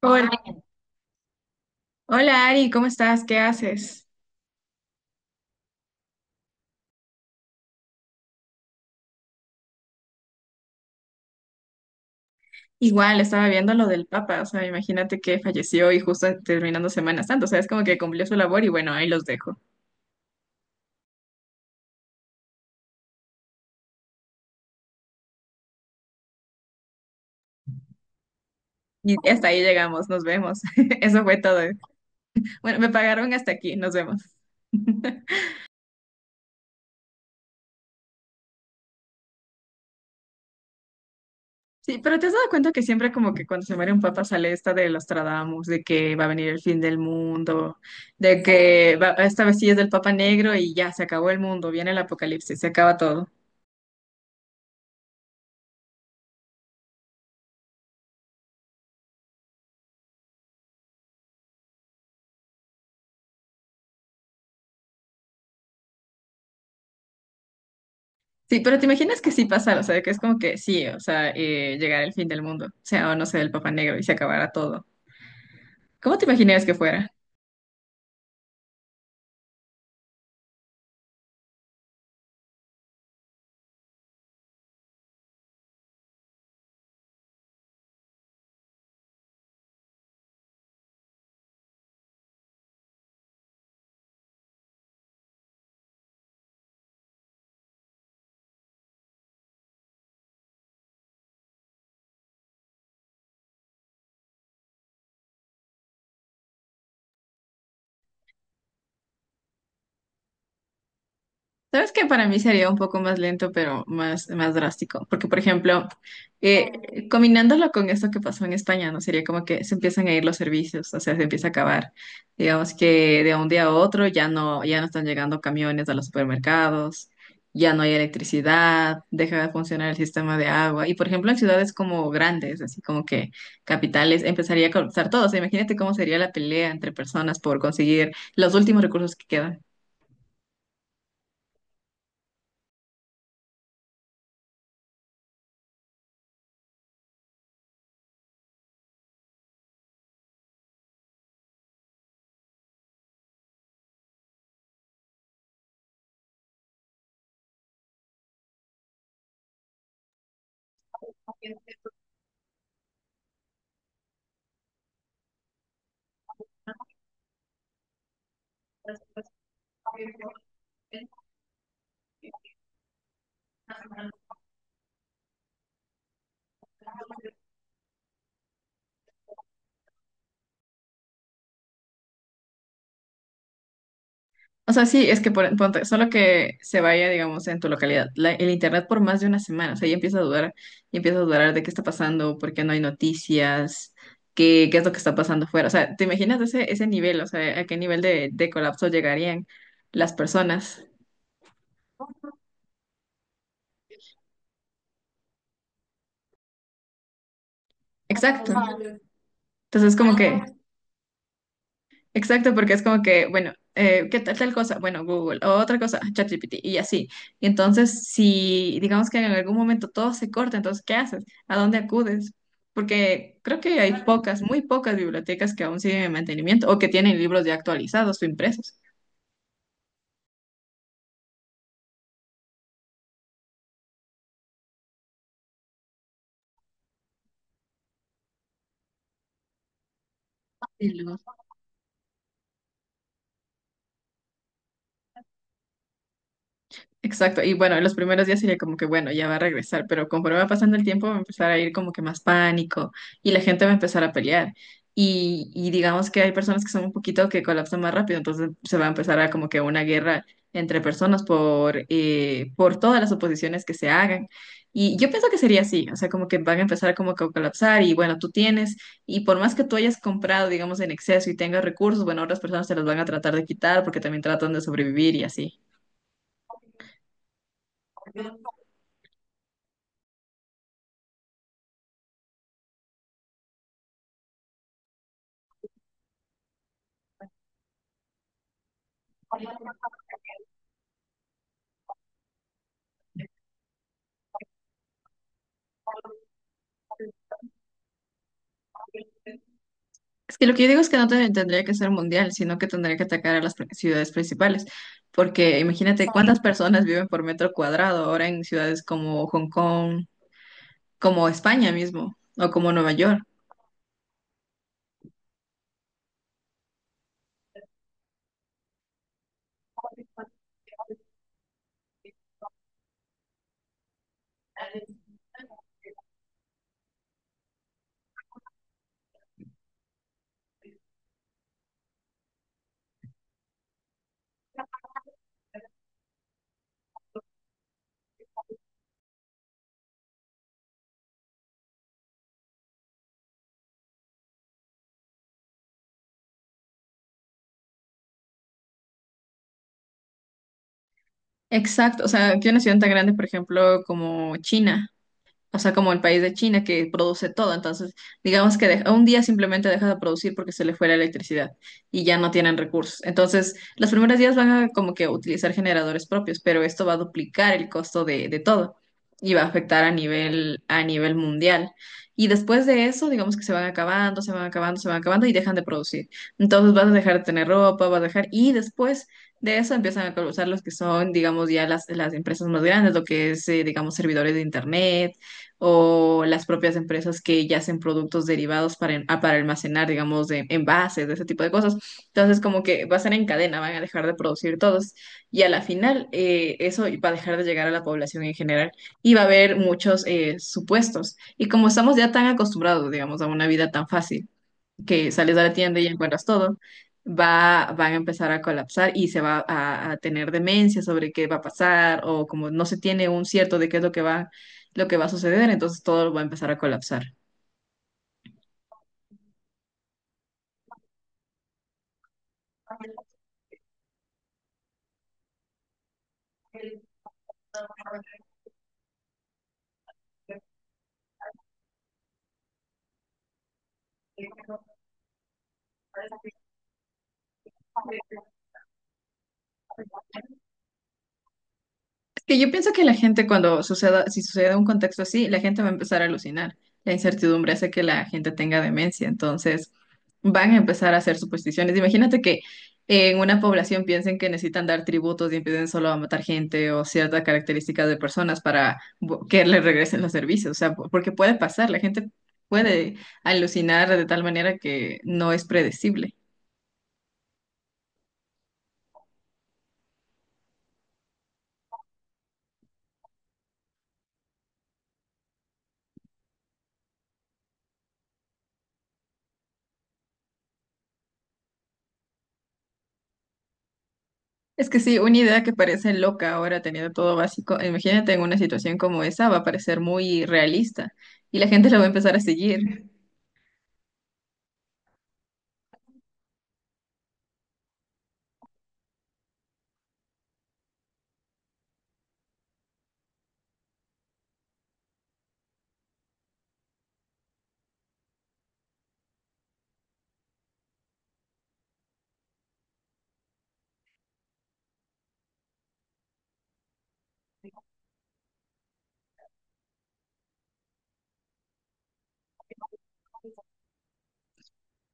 Hola, hola Ari, ¿cómo estás? ¿Qué haces? Igual, estaba viendo lo del Papa, o sea, imagínate que falleció y justo terminando Semana Santa, o sea, es como que cumplió su labor y bueno, ahí los dejo. Y hasta ahí llegamos, nos vemos. Eso fue todo. Bueno, me pagaron hasta aquí, nos vemos. Sí, pero ¿te has dado cuenta que siempre como que cuando se muere un papa sale esta de Nostradamus, de que va a venir el fin del mundo, esta vez sí es del papa negro y ya se acabó el mundo, viene el apocalipsis, se acaba todo. Sí, pero te imaginas que sí pasara, o sea, que es como que sí, o sea, llegar el fin del mundo, o sea, o no sé, el Papá Negro y se acabara todo. ¿Cómo te imaginas que fuera? Sabes que para mí sería un poco más lento, pero más drástico, porque por ejemplo, combinándolo con esto que pasó en España, ¿no? Sería como que se empiezan a ir los servicios, o sea, se empieza a acabar. Digamos que de un día a otro ya no están llegando camiones a los supermercados, ya no hay electricidad, deja de funcionar el sistema de agua. Y por ejemplo, en ciudades como grandes, así como que capitales, empezaría a colapsar todo. O sea, imagínate cómo sería la pelea entre personas por conseguir los últimos recursos que quedan. O sea, sí, es que ponte, solo que se vaya, digamos, en tu localidad, el internet por más de una semana, o sea, ya empieza a dudar, y empieza a dudar de qué está pasando, por qué no hay noticias, qué es lo que está pasando fuera. O sea, ¿te imaginas ese nivel? O sea, ¿a qué nivel de colapso llegarían las personas? Exacto. Entonces, como que, exacto, porque es como que, bueno, ¿qué tal tal cosa? Bueno, Google, o otra cosa, ChatGPT, y así. Y entonces, si digamos que en algún momento todo se corta, entonces, ¿qué haces? ¿A dónde acudes? Porque creo que hay pocas, muy pocas bibliotecas que aún siguen en mantenimiento o que tienen libros ya actualizados o impresos. Exacto, y bueno, en los primeros días sería como que, bueno, ya va a regresar, pero conforme va pasando el tiempo va a empezar a ir como que más pánico y la gente va a empezar a pelear. Y digamos que hay personas que son un poquito que colapsan más rápido, entonces se va a empezar a como que una guerra entre personas por todas las oposiciones que se hagan. Y yo pienso que sería así, o sea, como que van a empezar como que a colapsar y bueno, tú tienes, y por más que tú hayas comprado, digamos, en exceso y tengas recursos, bueno, otras personas te los van a tratar de quitar porque también tratan de sobrevivir y así. Es que lo que yo digo es que no te- tendría que ser mundial, sino que tendría que atacar a las ciudades principales, porque imagínate cuántas personas viven por metro cuadrado ahora en ciudades como Hong Kong, como España mismo, o como Nueva York. Exacto, o sea, que una ciudad tan grande, por ejemplo, como China. O sea, como el país de China que produce todo. Entonces, digamos que un día simplemente deja de producir porque se le fue la electricidad y ya no tienen recursos. Entonces, los primeros días van a como que utilizar generadores propios, pero esto va a duplicar el costo de todo y va a afectar a nivel mundial. Y después de eso, digamos que se van acabando, se van acabando, se van acabando y dejan de producir. Entonces, vas a dejar de tener ropa, vas a dejar... Y después... De eso empiezan a colapsar los que son, digamos, ya las empresas más grandes, lo que es, digamos, servidores de internet, o las propias empresas que ya hacen productos derivados para, para almacenar, digamos, de envases, de ese tipo de cosas. Entonces, como que va a ser en cadena, van a dejar de producir todos y a la final eso va a dejar de llegar a la población en general y va a haber muchos supuestos. Y como estamos ya tan acostumbrados, digamos, a una vida tan fácil que sales a la tienda y encuentras todo, van a empezar a colapsar y se va a tener demencia sobre qué va a pasar o como no se tiene un cierto de qué es lo que va a suceder, entonces todo va a empezar a colapsar. Que yo pienso que la gente cuando suceda, si sucede un contexto así, la gente va a empezar a alucinar. La incertidumbre hace que la gente tenga demencia, entonces van a empezar a hacer supersticiones. Imagínate que en una población piensen que necesitan dar tributos y empiecen solo a matar gente o ciertas características de personas para que les regresen los servicios, o sea, porque puede pasar, la gente puede alucinar de tal manera que no es predecible. Es que sí, una idea que parece loca ahora teniendo todo básico, imagínate en una situación como esa, va a parecer muy realista y la gente la va a empezar a seguir.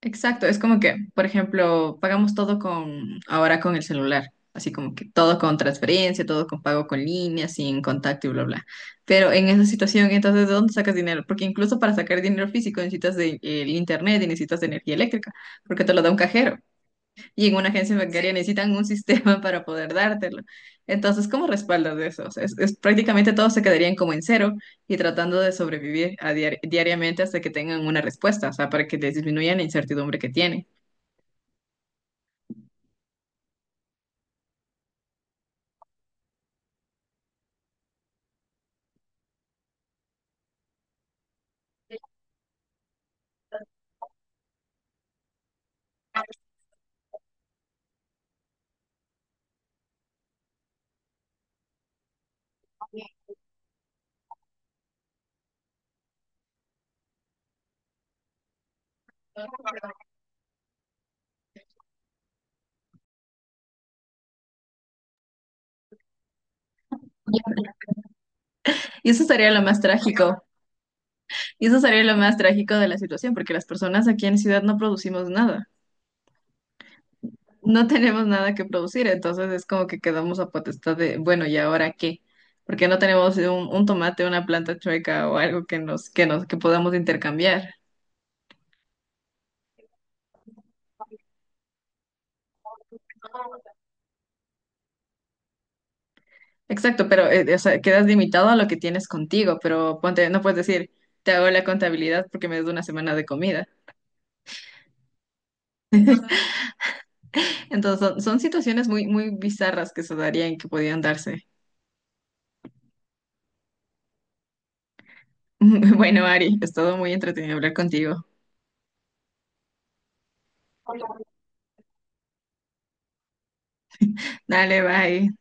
Exacto, es como que, por ejemplo, pagamos todo con ahora con el celular, así como que todo con transferencia, todo con pago con línea, sin contacto y bla, bla. Pero en esa situación, entonces, ¿de dónde sacas dinero? Porque incluso para sacar dinero físico necesitas el internet y necesitas de energía eléctrica, porque te lo da un cajero, y en una agencia bancaria sí, necesitan un sistema para poder dártelo. Entonces, ¿cómo respaldas eso? O sea, prácticamente todos se quedarían como en cero y tratando de sobrevivir a diariamente hasta que tengan una respuesta, o sea, para que les disminuya la incertidumbre que tienen. Y eso sería lo más trágico, y eso sería lo más trágico de la situación, porque las personas aquí en la ciudad no producimos nada, no tenemos nada que producir, entonces es como que quedamos a potestad de, bueno, ¿y ahora qué? Porque no tenemos un tomate, una planta chueca o algo que podamos intercambiar. Exacto, pero o sea, quedas limitado a lo que tienes contigo, pero ponte, no puedes decir, te hago la contabilidad porque me des una semana de comida. Entonces, son situaciones muy, muy bizarras que se darían, que podían darse. Bueno, Ari, es todo muy entretenido hablar contigo. Dale, bye.